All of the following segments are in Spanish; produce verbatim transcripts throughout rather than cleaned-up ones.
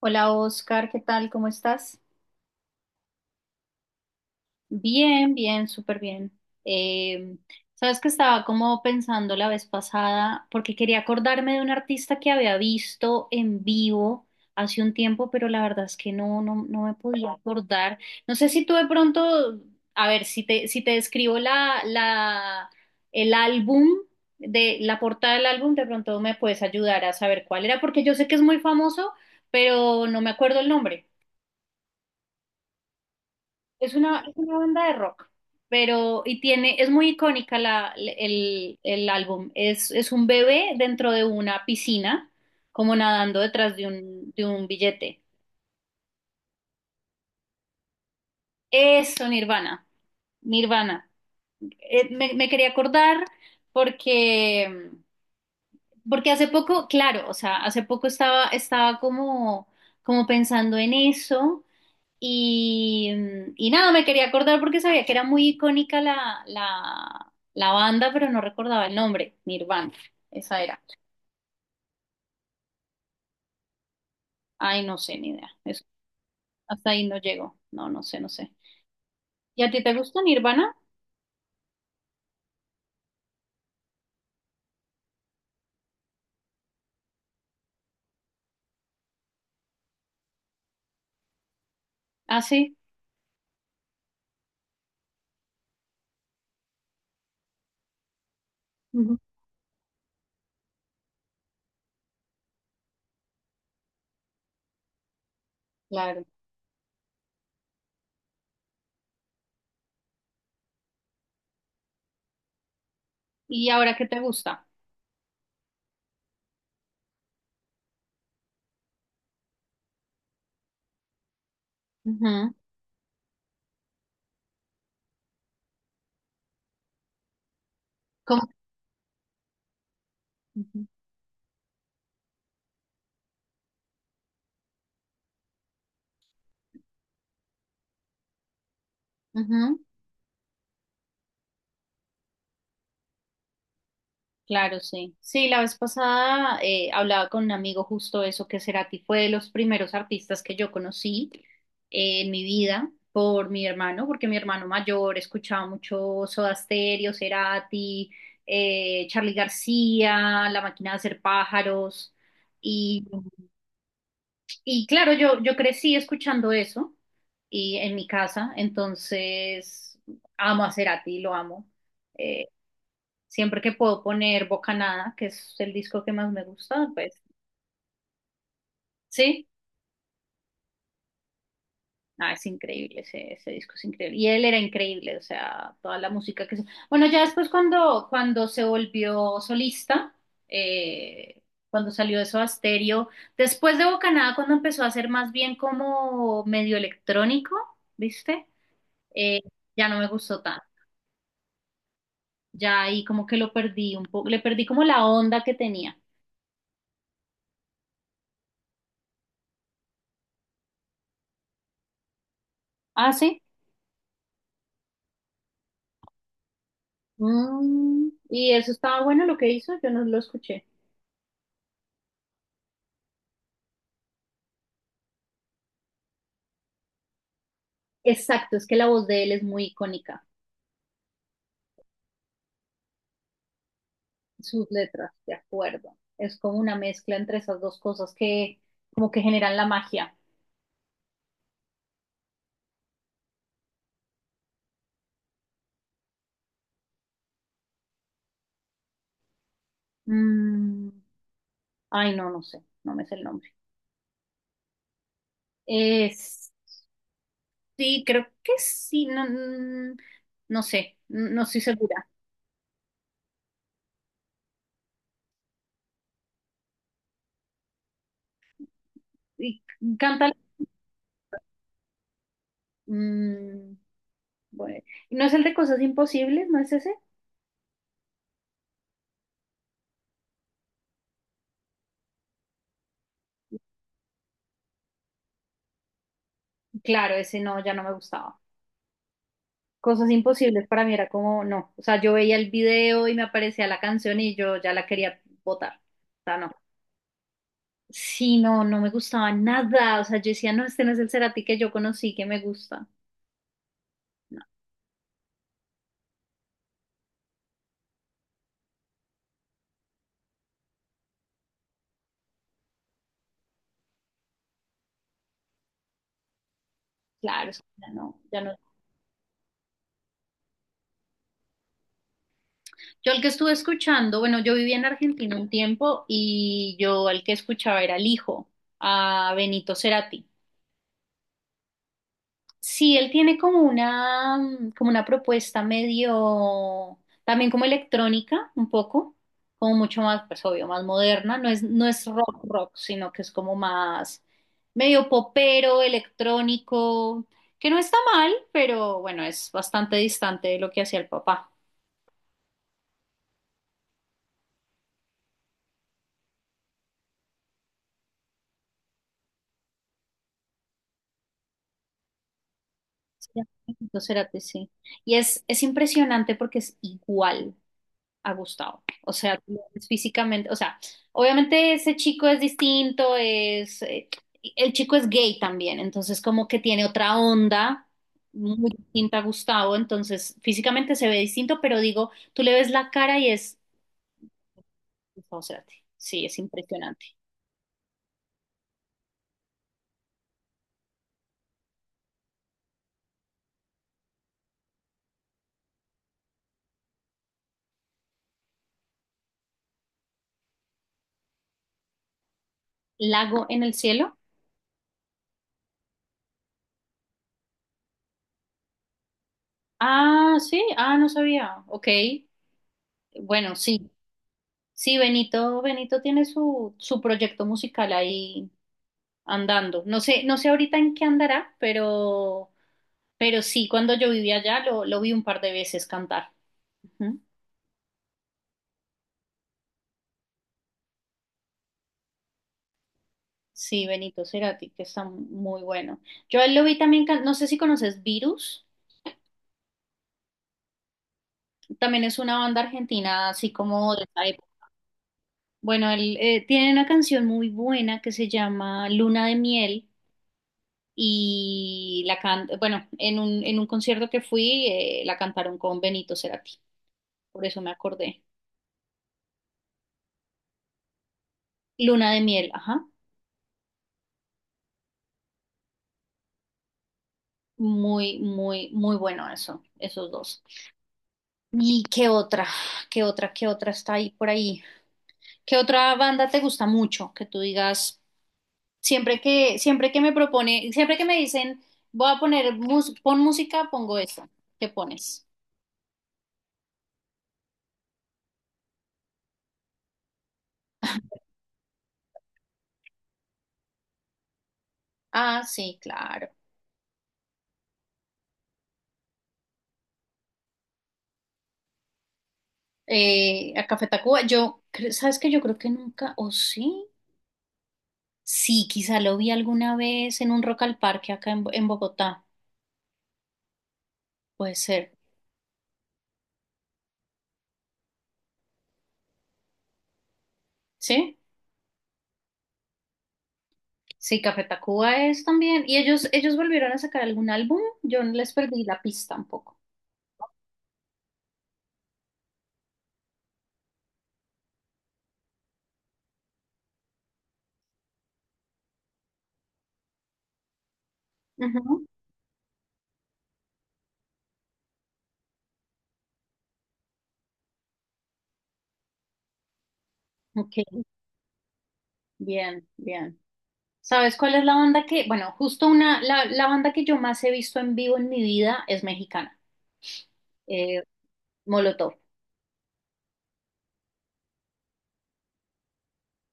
Hola, Oscar, ¿qué tal? ¿Cómo estás? Bien, bien, súper bien. Eh, sabes que estaba como pensando la vez pasada, porque quería acordarme de un artista que había visto en vivo hace un tiempo, pero la verdad es que no, no, no me podía acordar. No sé si tú de pronto, a ver, si te, si te describo la, la, el álbum, de la portada del álbum, de pronto me puedes ayudar a saber cuál era, porque yo sé que es muy famoso, pero no me acuerdo el nombre. Es una, es una banda de rock, pero y tiene, es muy icónica la, el, el álbum. Es, es un bebé dentro de una piscina, como nadando detrás de un, de un billete. Eso, Nirvana, Nirvana. Eh, me, me quería acordar porque, porque hace poco, claro, o sea, hace poco estaba, estaba como, como pensando en eso. Y, y nada, me quería acordar porque sabía que era muy icónica la, la, la banda, pero no recordaba el nombre, Nirvana, esa era. Ay, no sé, ni idea. Eso, hasta ahí no llegó. No, no sé, no sé. ¿Y a ti te gusta Nirvana? Ah, sí. Ujú. Claro. ¿Y ahora qué te gusta? Ujú. ¿Cómo? Ujú. Ujú. Claro, sí. Sí, la vez pasada eh, hablaba con un amigo justo eso, que Cerati fue de los primeros artistas que yo conocí eh, en mi vida, por mi hermano, porque mi hermano mayor escuchaba mucho Soda Stereo, Cerati, eh, Charly García, La Máquina de Hacer Pájaros. Y, y claro, yo, yo crecí escuchando eso y en mi casa, entonces amo a Cerati, lo amo. Eh, Siempre que puedo poner Bocanada, que es el disco que más me gusta, pues sí. Ah, es increíble, ese, ese disco es increíble. Y él era increíble, o sea, toda la música que se... Bueno, ya después cuando, cuando se volvió solista, eh, cuando salió de Soda Stereo, después de Bocanada, cuando empezó a ser más bien como medio electrónico, ¿viste? Eh, ya no me gustó tanto. Ya ahí como que lo perdí un poco, le perdí como la onda que tenía. Ah, sí. Mm, y eso estaba bueno lo que hizo, yo no lo escuché. Exacto, es que la voz de él es muy icónica, sus letras, de acuerdo. Es como una mezcla entre esas dos cosas que como que generan la magia. Mm, ay, no, no sé, no me sé el nombre. Es, sí, creo que sí, no, mm, no sé, n- no estoy segura. Y canta, mm, bueno, ¿no es el de Cosas Imposibles? ¿No es ese? Claro, ese no, ya no me gustaba. Cosas imposibles para mí era como, no. O sea, yo veía el video y me aparecía la canción y yo ya la quería botar. O sea, no. Sí, no, no me gustaba nada. O sea, yo decía, no, este no es el Cerati que yo conocí, que me gusta. No, claro, o sea, ya no, ya no. Yo el que estuve escuchando, bueno, yo viví en Argentina un tiempo y yo el que escuchaba era el hijo, a Benito Cerati. Sí, él tiene como una, mm, como una propuesta medio, también como electrónica, un poco, como mucho más, pues obvio, más moderna, no es, no es rock rock, sino que es como más medio popero, electrónico, que no está mal, pero bueno, es bastante distante de lo que hacía el papá. Sí, entonces, Cerati, sí. Y es, es impresionante porque es igual a Gustavo. O sea, tú lo ves físicamente, o sea, obviamente ese chico es distinto, es, eh, el chico es gay también, entonces como que tiene otra onda muy distinta a Gustavo, entonces físicamente se ve distinto, pero digo, tú le ves la cara y es Gustavo Cerati. Sí, es impresionante. Lago en el cielo. Ah, sí, ah, no sabía. Ok, bueno, sí. Sí, Benito, Benito tiene su, su proyecto musical ahí andando. No sé, no sé ahorita en qué andará, pero, pero sí, cuando yo vivía allá lo, lo vi un par de veces cantar. Ujú. Sí, Benito Cerati, que está muy bueno. Yo a él lo vi también, can- no sé si conoces Virus, también es una banda argentina, así como de esa época. Bueno, él eh, tiene una canción muy buena que se llama Luna de Miel y la can bueno, en un, en un concierto que fui eh, la cantaron con Benito Cerati, por eso me acordé. Luna de Miel, ajá. Muy, muy, muy bueno eso, esos dos. ¿Y qué otra? ¿Qué otra? ¿Qué otra está ahí por ahí? ¿Qué otra banda te gusta mucho? Que tú digas, siempre que, siempre que me propone, siempre que me dicen, voy a poner, mus- pon música, pongo esta. ¿Qué pones? Ah, sí, claro. Eh, a Café Tacuba, yo, cre- ¿sabes que yo creo que nunca, o sí, sí, quizá lo vi alguna vez en un Rock al Parque acá en, Bo- en Bogotá, puede ser, ¿sí? Sí, Café Tacuba es también. ¿Y ellos, ellos volvieron a sacar algún álbum? Yo no les perdí la pista un poco. Ujú. Ok, bien, bien. ¿Sabes cuál es la banda que, bueno, justo una, la, la banda que yo más he visto en vivo en mi vida es mexicana, eh, Molotov.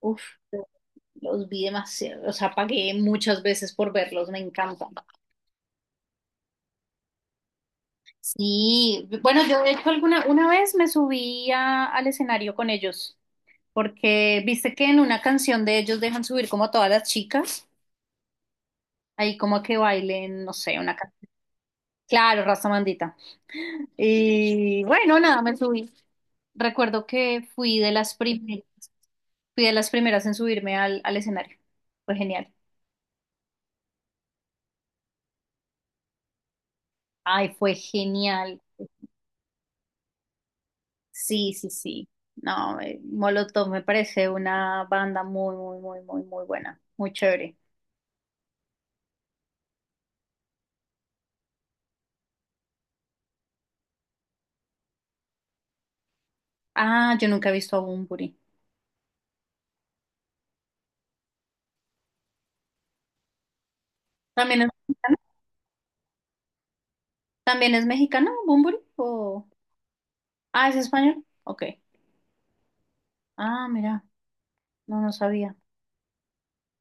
Uf, los vi demasiado, o sea, pagué muchas veces por verlos, me encantan. Sí, bueno, yo de hecho alguna, una vez me subí a- al escenario con ellos, porque viste que en una canción de ellos dejan subir como a todas las chicas. Ahí como que bailen, no sé, una canción. Claro, raza mandita. Y bueno, nada, me subí. Recuerdo que fui de las primeras, fui de las primeras en subirme al, al escenario. Fue genial. Ay, fue genial. Sí, sí, sí. No, eh, Molotov me parece una banda muy, muy, muy, muy, muy buena. Muy chévere. Ah, yo nunca he visto a Bunbury. ¿También es mexicano? ¿También es mexicano, Bunbury? ¿O... Ah, ¿es español? Ok. Ah, mira, no, no sabía.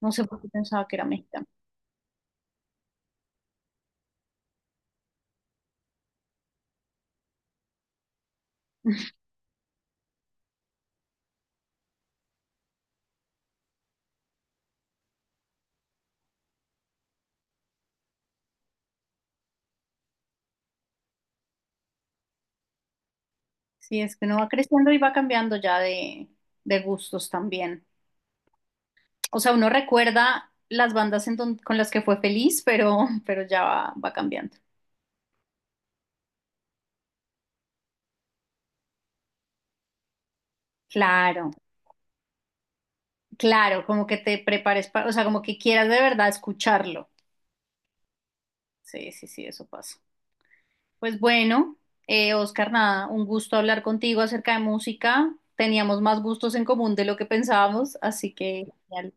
No sé por qué pensaba que era mexicano. Sí, es que uno va creciendo y va cambiando ya de, de gustos también. O sea, uno recuerda las bandas en don- con las que fue feliz, pero, pero ya va, va cambiando. Claro, claro, como que te prepares para, o sea, como que quieras de verdad escucharlo. Sí, sí, sí, eso pasa. Pues bueno, eh, Oscar, nada, un gusto hablar contigo acerca de música. Teníamos más gustos en común de lo que pensábamos, así que genial.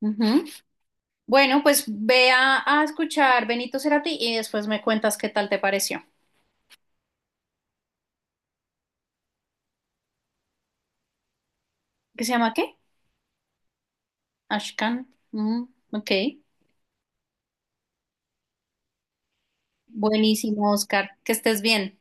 Ujú. Bueno, pues ve a, a escuchar Benito Cerati y después me cuentas qué tal te pareció. ¿Qué se llama qué? Ashkan. Mm, ok. Buenísimo, Oscar. Que estés bien.